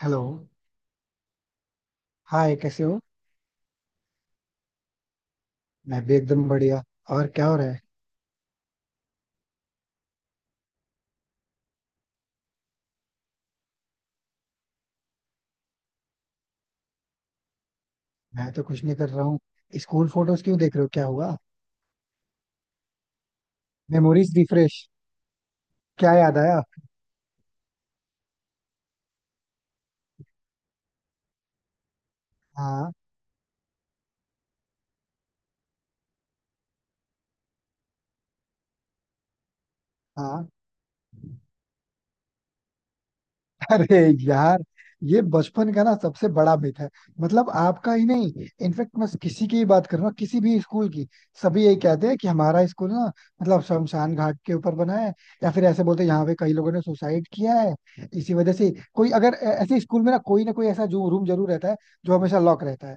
Hello. Hi, कैसे हो? मैं भी एकदम बढ़िया। और क्या हो रहा है? मैं तो कुछ नहीं कर रहा हूँ। स्कूल फोटोज क्यों देख रहे हो, क्या हुआ? Memories refresh. क्या याद आया? हाँ हाँ। अरे यार, ये बचपन का ना सबसे बड़ा मिथ है। मतलब आपका ही नहीं, इनफेक्ट मैं किसी की ही बात कर रहा हूँ, किसी भी स्कूल की। सभी यही कहते हैं कि हमारा स्कूल ना मतलब शमशान घाट के ऊपर बना है। या फिर ऐसे बोलते हैं यहाँ पे कई लोगों ने सुसाइड किया है, इसी वजह से। कोई अगर ऐसे स्कूल में ना कोई ऐसा जो रूम जरूर रहता है जो हमेशा लॉक रहता है,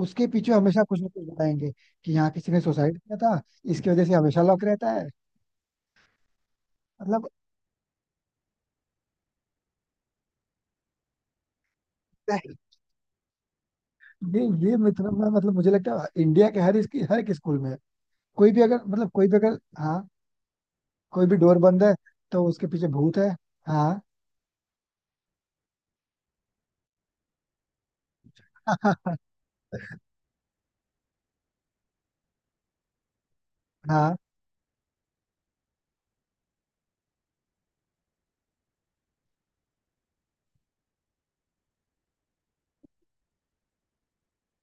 उसके पीछे हमेशा कुछ ना कुछ बताएंगे कि यहाँ किसी ने सुसाइड किया था, इसकी वजह से हमेशा लॉक रहता है। मतलब ये ये मिथ ना मतलब मुझे लगता है इंडिया के हर इसकी हर एक स्कूल में है। कोई भी अगर मतलब कोई भी अगर, हाँ, कोई भी डोर बंद है तो उसके पीछे भूत है। हाँ। हाँ।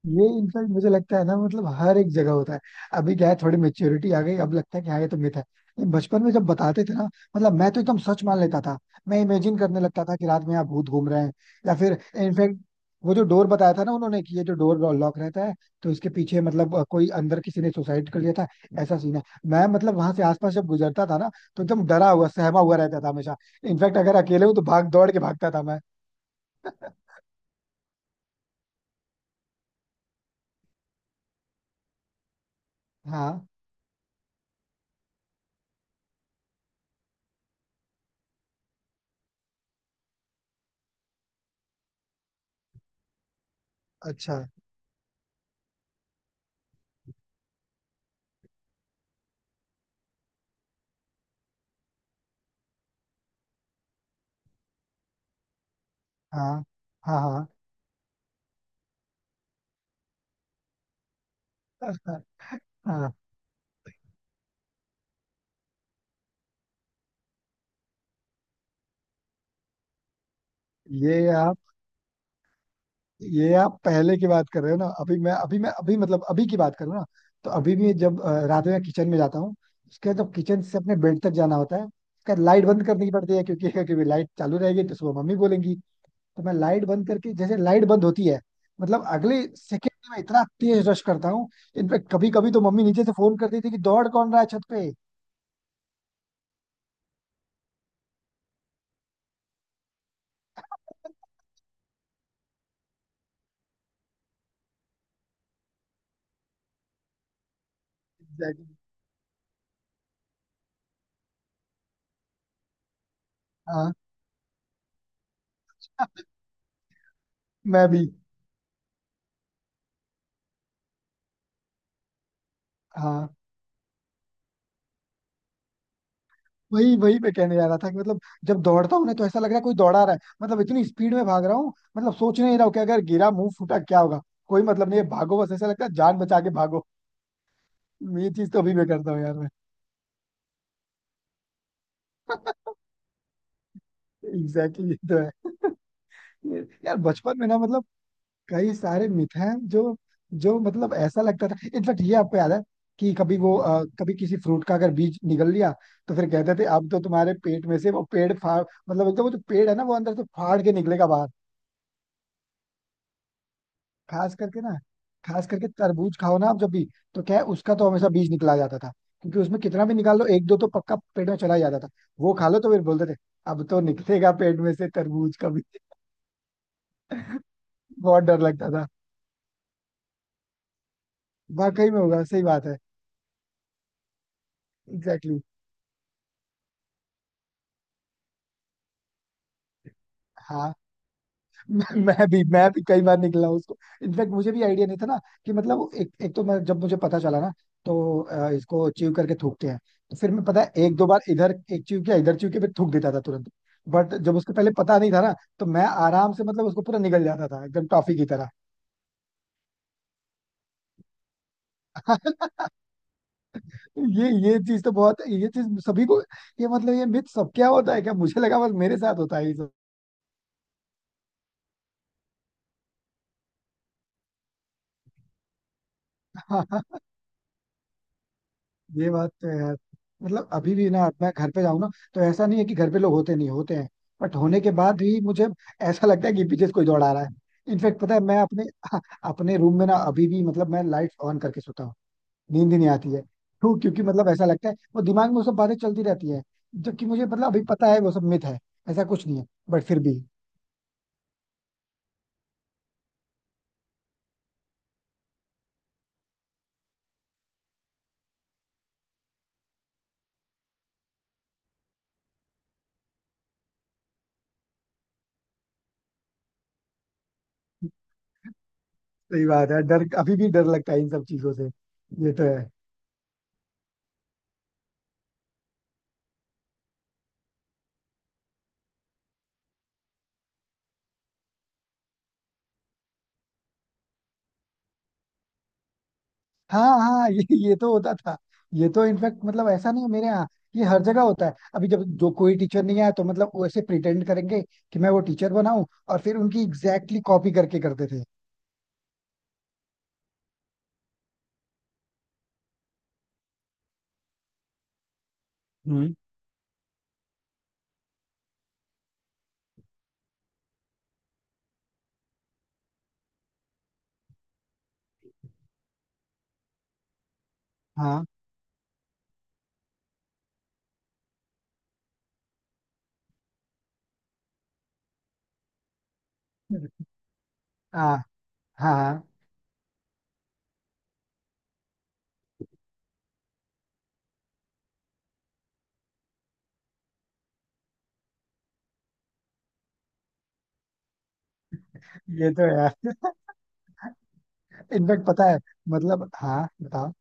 ये इनफैक्ट मुझे लगता है ना मतलब हर एक जगह होता है। अभी क्या है, थोड़ी मेच्योरिटी आ गई, अब लगता है कि हाँ ये तो मिथ है। लेकिन बचपन में जब बताते थे ना, मतलब मैं तो एकदम सच मान लेता था। मैं इमेजिन करने लगता था कि रात में यहाँ भूत घूम रहे हैं। या फिर इनफैक्ट वो जो डोर बताया था ना उन्होंने कि ये जो डोर लॉक रहता है, तो इसके पीछे मतलब कोई अंदर किसी ने सुसाइड कर लिया था, ऐसा सीन है। मैं मतलब वहां से आसपास जब गुजरता था ना, तो एकदम डरा हुआ सहमा हुआ रहता था हमेशा। इनफैक्ट अगर अकेले हूँ तो भाग दौड़ के भागता था मैं। हाँ। अच्छा। हाँ हाँ हाँ हाँ हाँ। ये आप ये आप पहले की बात कर रहे हो ना? अभी मैं, अभी मैं, अभी मतलब अभी की बात करूँ ना, तो अभी भी जब रात में किचन में जाता हूँ, उसके जब किचन से अपने बेड तक जाना होता है, उसका लाइट बंद करनी पड़ती है। क्योंकि क्योंकि लाइट चालू रहेगी तो सुबह मम्मी बोलेंगी। तो मैं लाइट बंद करके, जैसे लाइट बंद होती है, मतलब अगले सेकंड में इतना तेज रश करता हूँ। इनफैक्ट कभी कभी तो मम्मी नीचे से फोन करती थी कि दौड़ कौन रहा है छत पे। Exactly. हाँ। मैं भी। हाँ। वही वही मैं कहने जा रहा था कि मतलब जब दौड़ता हूँ ना तो ऐसा लग रहा है कोई दौड़ा रहा है। मतलब इतनी स्पीड में भाग रहा हूँ, मतलब सोच नहीं रहा हूँ कि अगर गिरा, मुंह फूटा, क्या होगा। कोई मतलब नहीं है, भागो बस, ऐसा लगता है जान बचा के भागो। ये चीज तो अभी मैं करता हूँ यार, मैं। एग्जैक्टली, ये तो है। यार बचपन में ना मतलब कई सारे मिथ हैं जो, जो मतलब ऐसा लगता था। इनफैक्ट ये आपको याद है कि कभी वो कभी किसी फ्रूट का अगर बीज निगल लिया तो फिर कहते थे अब तो तुम्हारे पेट में से वो पेड़ फाड़। मतलब एकदम वो जो पेड़ है ना, वो अंदर से फाड़ के निकलेगा बाहर। खास करके ना, खास करके तरबूज खाओ ना आप जब भी, तो क्या है उसका तो हमेशा बीज निकला जाता था, क्योंकि उसमें कितना भी निकाल लो एक दो तो पक्का पेट में चला ही जाता था। वो खा लो तो फिर बोलते थे अब तो निकलेगा पेट में से तरबूज का भी। बहुत डर लगता था, वाकई में होगा, सही बात है। Exactly exactly. हाँ। मैं भी कई बार निकला हूं उसको। इनफैक्ट मुझे भी आइडिया नहीं था ना कि मतलब एक एक तो, मैं जब मुझे पता चला ना, तो इसको च्यू करके थूकते हैं। तो फिर मैं पता है एक दो बार इधर एक च्यू किया, इधर च्यू के, फिर थूक देता था तुरंत। बट जब उसको पहले पता नहीं था ना, तो मैं आराम से मतलब उसको पूरा निगल जाता था एकदम टॉफी की तरह। ये चीज तो बहुत, ये चीज सभी को, ये मतलब ये मिथ सबके यहाँ होता है क्या? मुझे लगा बस मेरे साथ होता है ये सब। ये बात तो है यार। मतलब अभी भी ना मैं घर पे जाऊँ ना, तो ऐसा नहीं है कि घर पे लोग होते नहीं, होते हैं, बट होने के बाद भी मुझे ऐसा लगता है कि पीछे से कोई दौड़ा रहा है। इनफेक्ट पता है मैं अपने, अपने रूम में ना अभी भी मतलब मैं लाइट ऑन करके सोता हूँ। नींद ही नहीं आती है। क्यों? क्योंकि मतलब ऐसा लगता है वो दिमाग में वो सब बातें चलती रहती है। जबकि मुझे मतलब अभी पता है वो सब मिथ है, ऐसा कुछ नहीं है, बट फिर भी। सही बात है, डर अभी भी डर लगता है इन सब चीजों से। ये तो है। हाँ हाँ। ये तो होता था। ये तो इनफैक्ट मतलब ऐसा नहीं है मेरे यहाँ, ये हर जगह होता है। अभी जब जो कोई टीचर नहीं आया तो मतलब वो ऐसे प्रिटेंड करेंगे कि मैं वो टीचर बनाऊं, और फिर उनकी एग्जैक्टली कॉपी करके करते थे। हम्म। हाँ हाँ हाँ, ये तो है। इनफैक्ट पता है, मतलब, हाँ बताओ।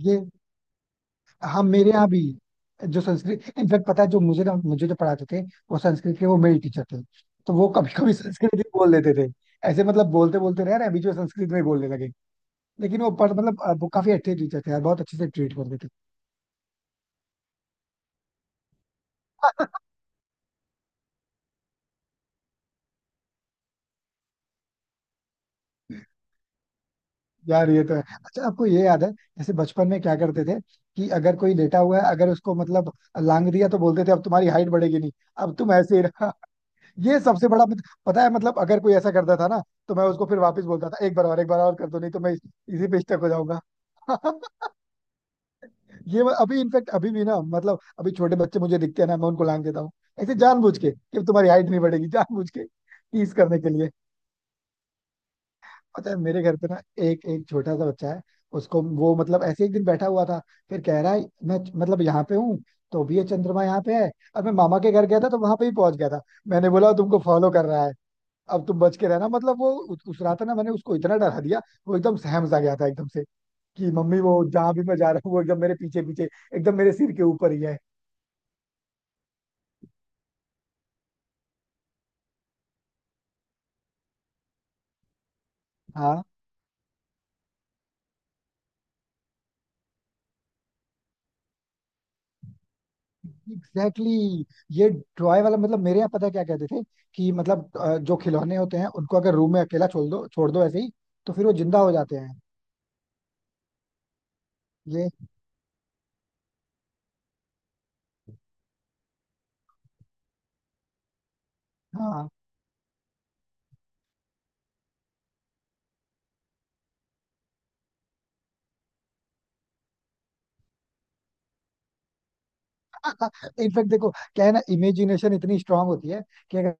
ये हम मेरे यहाँ भी, जो संस्कृत इनफैक्ट पता है, जो मुझे ना, मुझे जो पढ़ाते थे, वो संस्कृत के वो मेल टीचर थे। तो वो कभी कभी संस्कृत भी बोल देते थे। ऐसे मतलब बोलते बोलते रह रहे अभी जो संस्कृत में ही बोलने लगे। लेकिन वो पर मतलब वो काफी अच्छे टीचर थे यार, बहुत अच्छे से ट्रीट करते थे। यार ये तो है। अच्छा आपको ये याद है जैसे बचपन में क्या करते थे कि अगर कोई लेटा हुआ है, अगर उसको मतलब लांग दिया तो बोलते थे अब तुम्हारी हाइट बढ़ेगी नहीं, अब तुम ऐसे ही रहा। ये सबसे बड़ा पता है मतलब अगर कोई ऐसा करता था ना, तो मैं उसको फिर वापस बोलता था एक बार और कर दो नहीं तो मैं इसी पे स्टक हो जाऊंगा। ये मैं अभी इनफेक्ट अभी भी ना, मतलब अभी छोटे बच्चे मुझे दिखते हैं ना, मैं उनको लांग देता हूँ ऐसे जानबूझ के कि अब तुम्हारी हाइट नहीं बढ़ेगी, जानबूझ के टीज करने के लिए। पता है मेरे घर पे ना एक एक छोटा सा बच्चा है, उसको वो मतलब ऐसे एक दिन बैठा हुआ था, फिर कह रहा है मैं मतलब यहाँ पे हूँ तो भी ये चंद्रमा यहाँ पे है, और मैं मामा के घर गया था तो वहां पे ही पहुंच गया था। मैंने बोला तुमको फॉलो कर रहा है, अब तुम बच के रहना। मतलब वो उस रात ना मैंने उसको इतना डरा दिया, वो एकदम सहम सा गया था एकदम से कि मम्मी वो जहाँ भी मैं जा रहा हूँ वो एकदम मेरे पीछे पीछे, एकदम मेरे सिर के ऊपर ही है। हाँ। Exactly exactly. ये टॉय वाला मतलब मेरे यहाँ पता है क्या कहते थे कि मतलब जो खिलौने होते हैं उनको अगर रूम में अकेला छोड़ दो ऐसे ही, तो फिर वो जिंदा हो जाते हैं। ये हाँ। इनफैक्ट देखो क्या है ना, इमेजिनेशन इतनी स्ट्रांग होती है कि अगर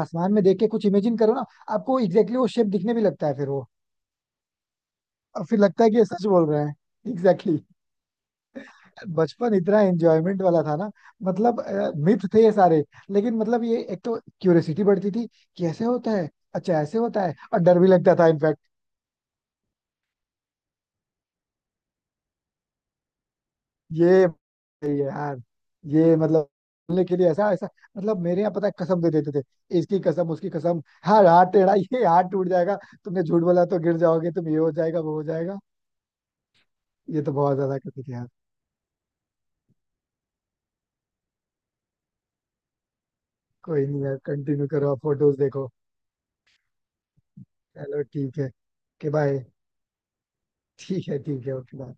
आसमान में देख के कुछ इमेजिन करो ना, आपको एग्जैक्टली exactly वो शेप दिखने भी लगता है फिर वो। और फिर लगता है कि ये सच बोल रहे हैं। एग्जैक्टली। बचपन इतना एंजॉयमेंट वाला था ना। मतलब मिथ थे ये सारे, लेकिन मतलब ये एक तो क्यूरियोसिटी बढ़ती थी कि ऐसे होता है, अच्छा ऐसे होता है, और डर भी लगता था इनफैक्ट। ये ये यार, ये मतलब बोलने के लिए ऐसा ऐसा, मतलब मेरे यहाँ पता है कसम दे देते थे, इसकी कसम उसकी कसम, हाँ हाथ टेढ़ा, ये हाथ टूट जाएगा, तुमने झूठ बोला तो गिर जाओगे तुम, ये हो जाएगा वो हो जाएगा। ये तो बहुत ज्यादा करते थे यार। कोई नहीं यार, कंटिन्यू करो आप, फोटोज देखो। चलो ठीक है, के बाय। ठीक है ठीक है, ओके बाय।